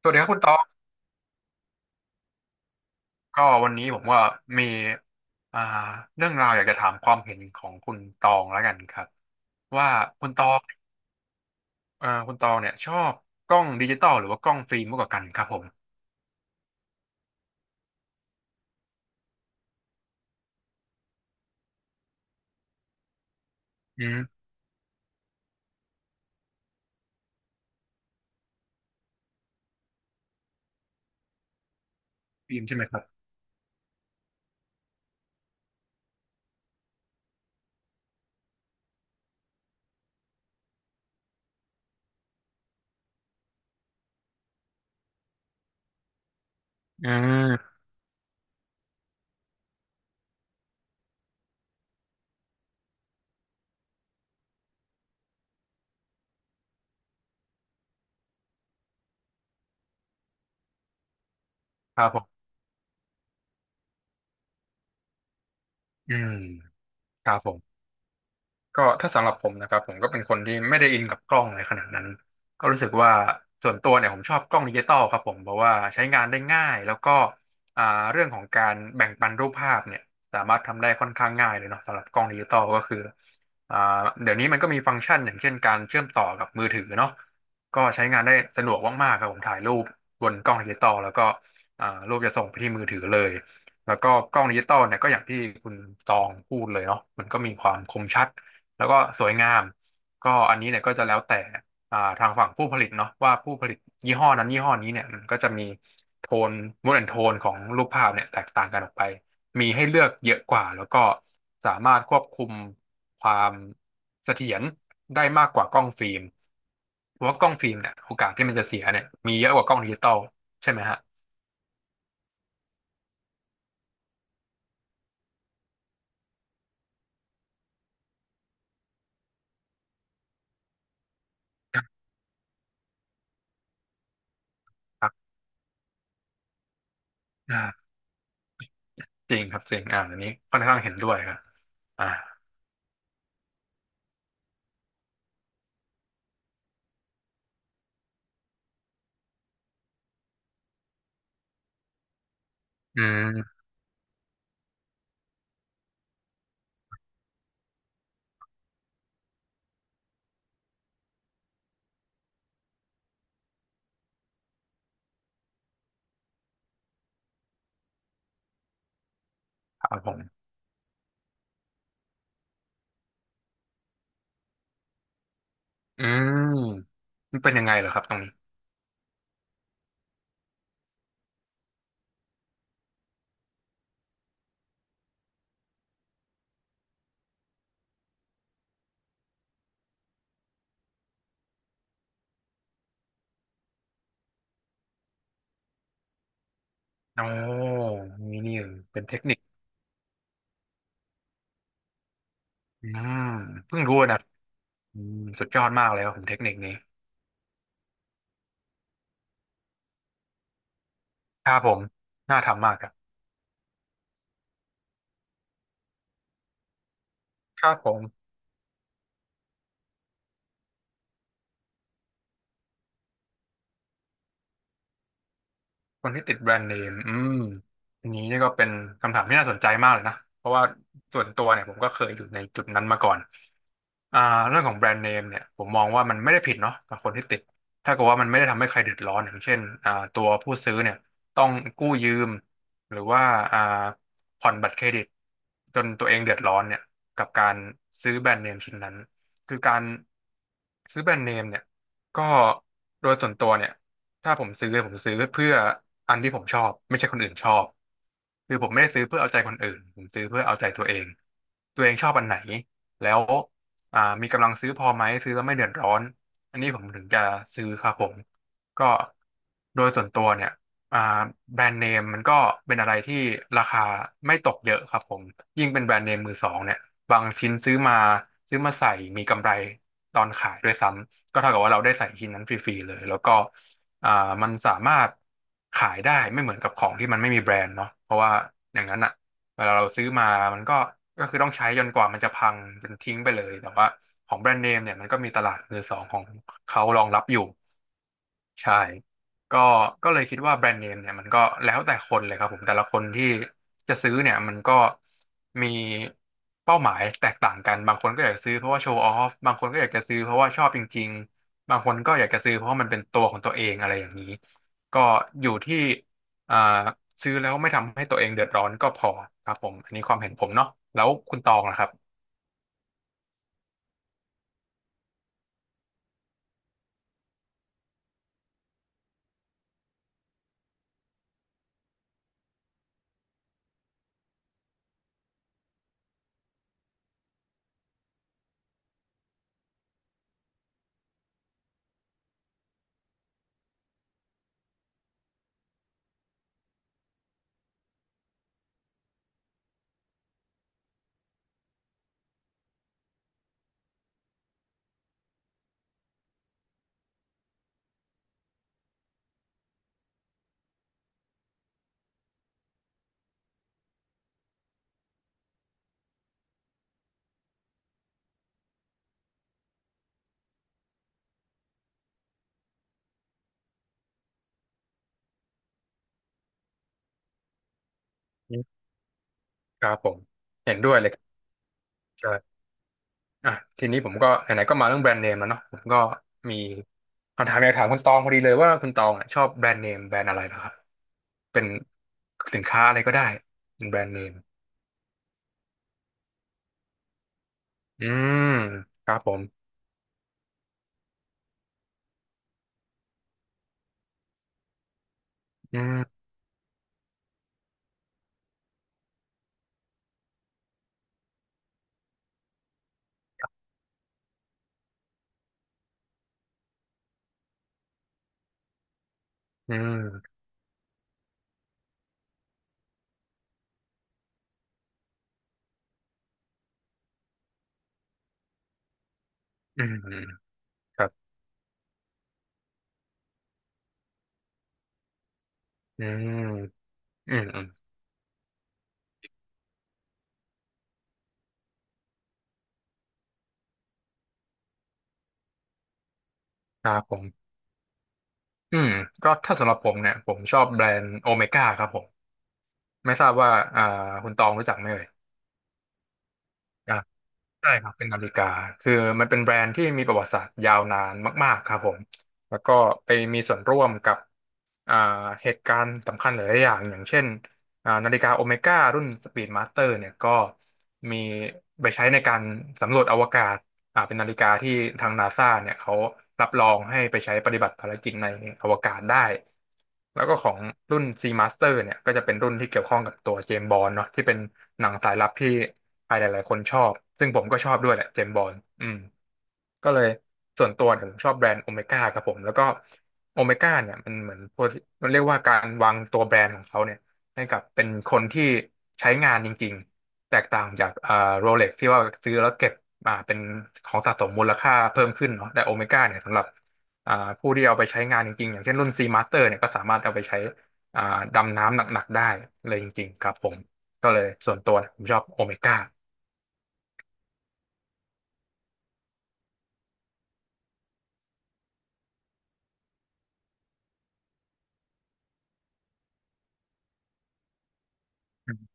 สวัสดีครับคุณตองก็วันนี้ผมว่ามีอ่าเรื่องราวอยากจะถามความเห็นของคุณตองแล้วกันครับว่าคุณตองคุณตองเนี่ยชอบกล้องดิจิตอลหรือว่ากล้องฟิล์มมากกว่ากันครับผมอืมฟิล์มใช่ไหมครับอ่าครับผมอืมครับผม ก็ถ้าสำหรับผมนะครับผมก็เป็นคนที่ไม่ได้อินกับกล้องอะไรขนาดนั้นก็รู้สึกว่าส่วนตัวเนี่ยผมชอบกล้องดิจิตอลครับผมเพราะว่าใช้งานได้ง่ายแล้วก็อ่าเรื่องของการแบ่งปันรูปภาพเนี่ยสามารถทำได้ค่อนข้างง่ายเลยเนาะสำหรับกล้องดิจิตอลก็คืออ่าเดี๋ยวนี้มันก็มีฟังก์ชันอย่างเช่นการเชื่อมต่อกับมือถือเนาะก็ใช้งานได้สะดวกมากๆครับผมถ่ายรูปบนกล้องดิจิตอลแล้วก็รูปจะส่งไปที่มือถือเลยแล้วก็กล้องดิจิตอลเนี่ยก็อย่างที่คุณตองพูดเลยเนาะมันก็มีความคมชัด แล้วก็สวยงามก็อันนี้เนี่ยก็จะแล้วแต่ทางฝั่งผู้ผลิตเนาะว่าผู้ผลิตยี่ห้อนั้นยี่ห้อนี้เนี่ยมันก็จะมีโทนมูดแอนโทนของรูปภาพเนี่ยแตกต่างกันออกไปมีให้เลือกเยอะกว่าแล้วก็สามารถควบคุมความเสถียรได้มากกว่ากล้องฟิล์มเพราะว่ากล้องฟิล์มเนี่ยโอกาสที่มันจะเสียเนี่ยมีเยอะกว่ากล้องดิจิตอลใช่ไหมฮะครับอ่าจริงครับจริงอันนี้ค่อนข้างเห็นด้วยครับอ่าอืมครับผมอืม มันเป็นยังไงเหรอครับตรงนี้โอ้นี่นี่เป็นเทคนิคอืมเพิ่งรู้นะอืมสุดยอดมากเลยครับผมเทคนิคนี้ครับผมน่าทำมากครับครับผมคนที่ติดแบรนด์เนมอืมอันนี้นี่ก็เป็นคำถามที่น่าสนใจมากเลยนะ เพราะว่าส่วนตัวเนี่ยผมก็เคยอยู่ในจุดนั้นมาก่อน อ่าเรื่องของแบรนด์เนมเนี่ยผมมองว่ามันไม่ได้ผิดเนาะกับคนที่ติดถ้าเกิดว่ามันไม่ได้ทำให้ใครเดือดร้อนอย่างเช่นตัวผู้ซื้อเนี่ยต้องกู้ยืมหรือว่าอ่าผ่อนบัตรเครดิตจนตัวเองเดือดร้อนเนี่ยกับการซื้อแบรนด์เนมชิ้นนั้นคือการซื้อแบรนด์เนมเนี่ยก็โดยส่วนตัวเนี่ยถ้าผมซื้อเพื่ออันที่ผมชอบไม่ใช่คนอื่นชอบคือผมไม่ได้ซื้อเพื่อเอาใจคนอื่นผมซื้อเพื่อเอาใจตัวเองตัวเองชอบอันไหนแล้ว มีกำลังซื้อพอไหมซื้อแล้วไม่เดือดร้อนอันนี้ผมถึงจะซื้อครับผมก็โดยส่วนตัวเนี่ยอ่าแบรนด์เนมมันก็เป็นอะไรที่ราคาไม่ตกเยอะครับผมยิ่งเป็นแบรนด์เนมมือสองเนี่ยบางชิ้นซื้อมาใส่มีกำไรตอนขายด้วยซ้ำก็เท่ากับว่าเราได้ใส่ชิ้นนั้นฟรีๆเลยแล้วก็อ่ามันสามารถขายได้ไม่เหมือนกับของที่มันไม่มีแบรนด์เนาะเพราะว่าอย่างนั้นอ่ะ เวลาเราซื้อมามันก็คือต้องใช้จนกว่ามันจะพังจนทิ้งไปเลยแต่ว่าของแบรนด์เนมเนี่ยมันก็มีตลาดมือสองของเขารองรับอยู่ ใช่ก็ก็เลยคิดว่าแบรนด์เนมเนี่ยมันก็แล้วแต่คนเลยครับผมแต่ละคนที่จะซื้อเนี่ยมันก็มีเป้าหมายแตกต่างกันบางคนก็อยากจะซื้อเพราะว่าโชว์ออฟบางคนก็อยากจะซื้อเพราะว่าชอบจริงๆบางคนก็อยากจะซื้อเพราะว่ามันเป็นตัวของตัวเองอะไรอย่างนี้ก็อยู่ที่อ่าซื้อแล้วไม่ทำให้ตัวเองเดือดร้อนก็พอครับผมอันนี้ความเห็นผมเนาะแล้วคุณตองล่ะครับครับผมเห็นด้วยเลยครับ อ่ะทีนี้ผมก็ไหนๆก็มาเรื่องแบรนด์เนมแล้วเนาะผมก็มีคำถามอยากถามคุณตองพอดีเลยว่าคุณตองอ่ะชอบแบรนด์เนมแบรนด์อะไรเหรอครับเป็นสินค้าอะไรก็ได้เป็นแบรนด์เนมอืมครับผมอืมอืมอืมอืมครับอืมอืมอืมครับผมอืมก็ถ้าสำหรับผมเนี่ยผมชอบแบรนด์โอเมก้าครับผมไม่ทราบว่าอ่าคุณตองรู้จักไหมเอ่ย ใช่ครับเป็นนาฬิกาคือมันเป็นแบรนด์ที่มีประวัติศาสตร์ยาวนานมากๆครับผมแล้วก็ไปมีส่วนร่วมกับอ่าเหตุการณ์สำคัญหลายๆอย่างอย่างเช่น นาฬิกาโอเมก้ารุ่นสปีดมาสเตอร์เนี่ยก็มีไปใช้ในการสำรวจอวกาศเป็นนาฬิกาที่ทางนาซาเนี่ยเขารับรองให้ไปใช้ปฏิบัติภารกิจในอวกาศได้ แล้วก็ของรุ่น C Master เนี่ยก็จะเป็นรุ่นที่เกี่ยวข้องกับตัวเจมส์บอนด์เนาะที่เป็นหนังสายลับที่ใครหลายๆคนชอบซึ่งผมก็ชอบด้วยแหละเจมส์บอนด์อืม ก็เลยส่วนตัวเนี่ยผมชอบแบรนด์โอเมก้าครับผมแล้วก็โอเมก้าเนี่ยมันเหมือนพวกมันเรียกว่าการวางตัวแบรนด์ของเขาเนี่ยให้กับเป็นคนที่ใช้งานจริงๆแตกต่างจากโรเล็กที่ว่าซื้อแล้วเก็บเป็นของสะสมมูลค่าเพิ่มขึ้นเนาะแต่โอเมก้าเนี่ยสำหรับอ่าผู้ที่เอาไปใช้งานจริงๆอย่างเช่นรุ่น C Master เนี่ยก็สามารถเอาไปใช้อ่าดำน้ำหนักๆได้เลยจริงๆครับผมก็เลยส่วนตัวเนี่ยผมชอบโอเมก้า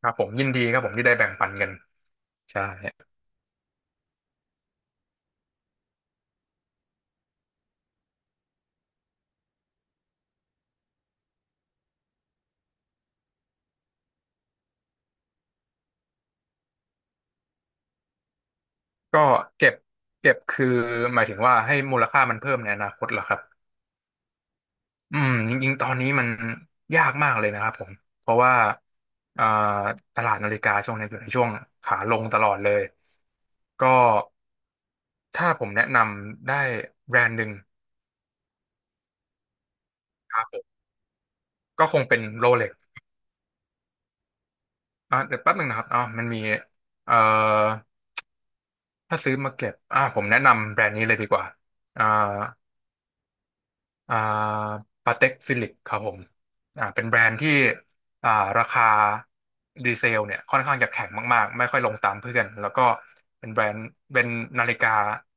ครับผมยินดีครับผมที่ได้แบ่งปันกันใช่ ก็เก็บคือหมายถึงว่าให้มูลค่ามันเพิ่มในอนาคตเหรอครับอืมจริงๆตอนนี้มันยากมากเลยนะครับผมเพราะว่าอ่าตลาดนาฬิกาช่วงนี้อยู่ในช่วงขาลงตลอดเลยก็ถ้าผมแนะนำได้แบรนด์หนึ่งครับผมก็คงเป็นโรเล็กเดี๋ยวแป๊บหนึ่งนะครับอ๋อมันมีเอ่อถ้าซื้อมาเก็บผมแนะนำแบรนด์นี้เลยดีกว่าอ่า อ่าปาเต็กฟิลิปครับผมเป็นแบรนด์ที่อ่าราคาดีเซลเนี่ยค่อนข้างจะแข็งมากๆไม่ค่อยลงตามเพื่อนแล้วก็เป็นแบรนด์เป็นนาฬิกา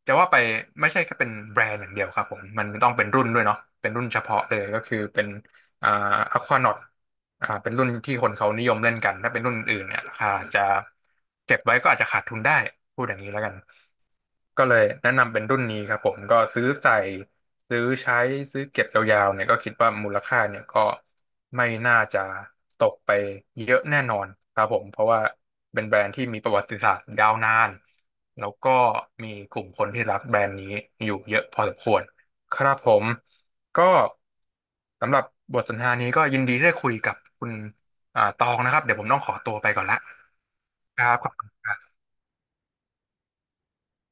จะว่าไปไม่ใช่แค่เป็นแบรนด์อย่างเดียวครับผมมันต้องเป็นรุ่นด้วยเนาะเป็นรุ่นเฉพาะเลยก็คือเป็นอ่าอควานอตเป็นรุ่นที่คนเขานิยมเล่นกันถ้าเป็นรุ่นอื่นเนี่ยราคาจะเก็บไว้ก็อาจจะขาดทุนได้พูดอย่างนี้แล้วกัน ก็เลยแนะนำเป็นรุ่นนี้ครับผมก็ซื้อใส่ซื้อใช้ซื้อเก็บยาวๆเนี่ยก็คิดว่ามูลค่าเนี่ยก็ไม่น่าจะตกไปเยอะแน่นอนครับผมเพราะว่าเป็นแบรนด์ที่มีประวัติศาสตร์ยาวนานแล้วก็มีกลุ่มคนที่รักแบรนด์นี้อยู่เยอะพอสมควรครับผมก็สำหรับบทสนทนานี้ก็ยินดีที่ได้คุยกับคุณตองนะครับเดี๋ยวผมต้องขอตัวไปก่อนละครับขอบคุณครับ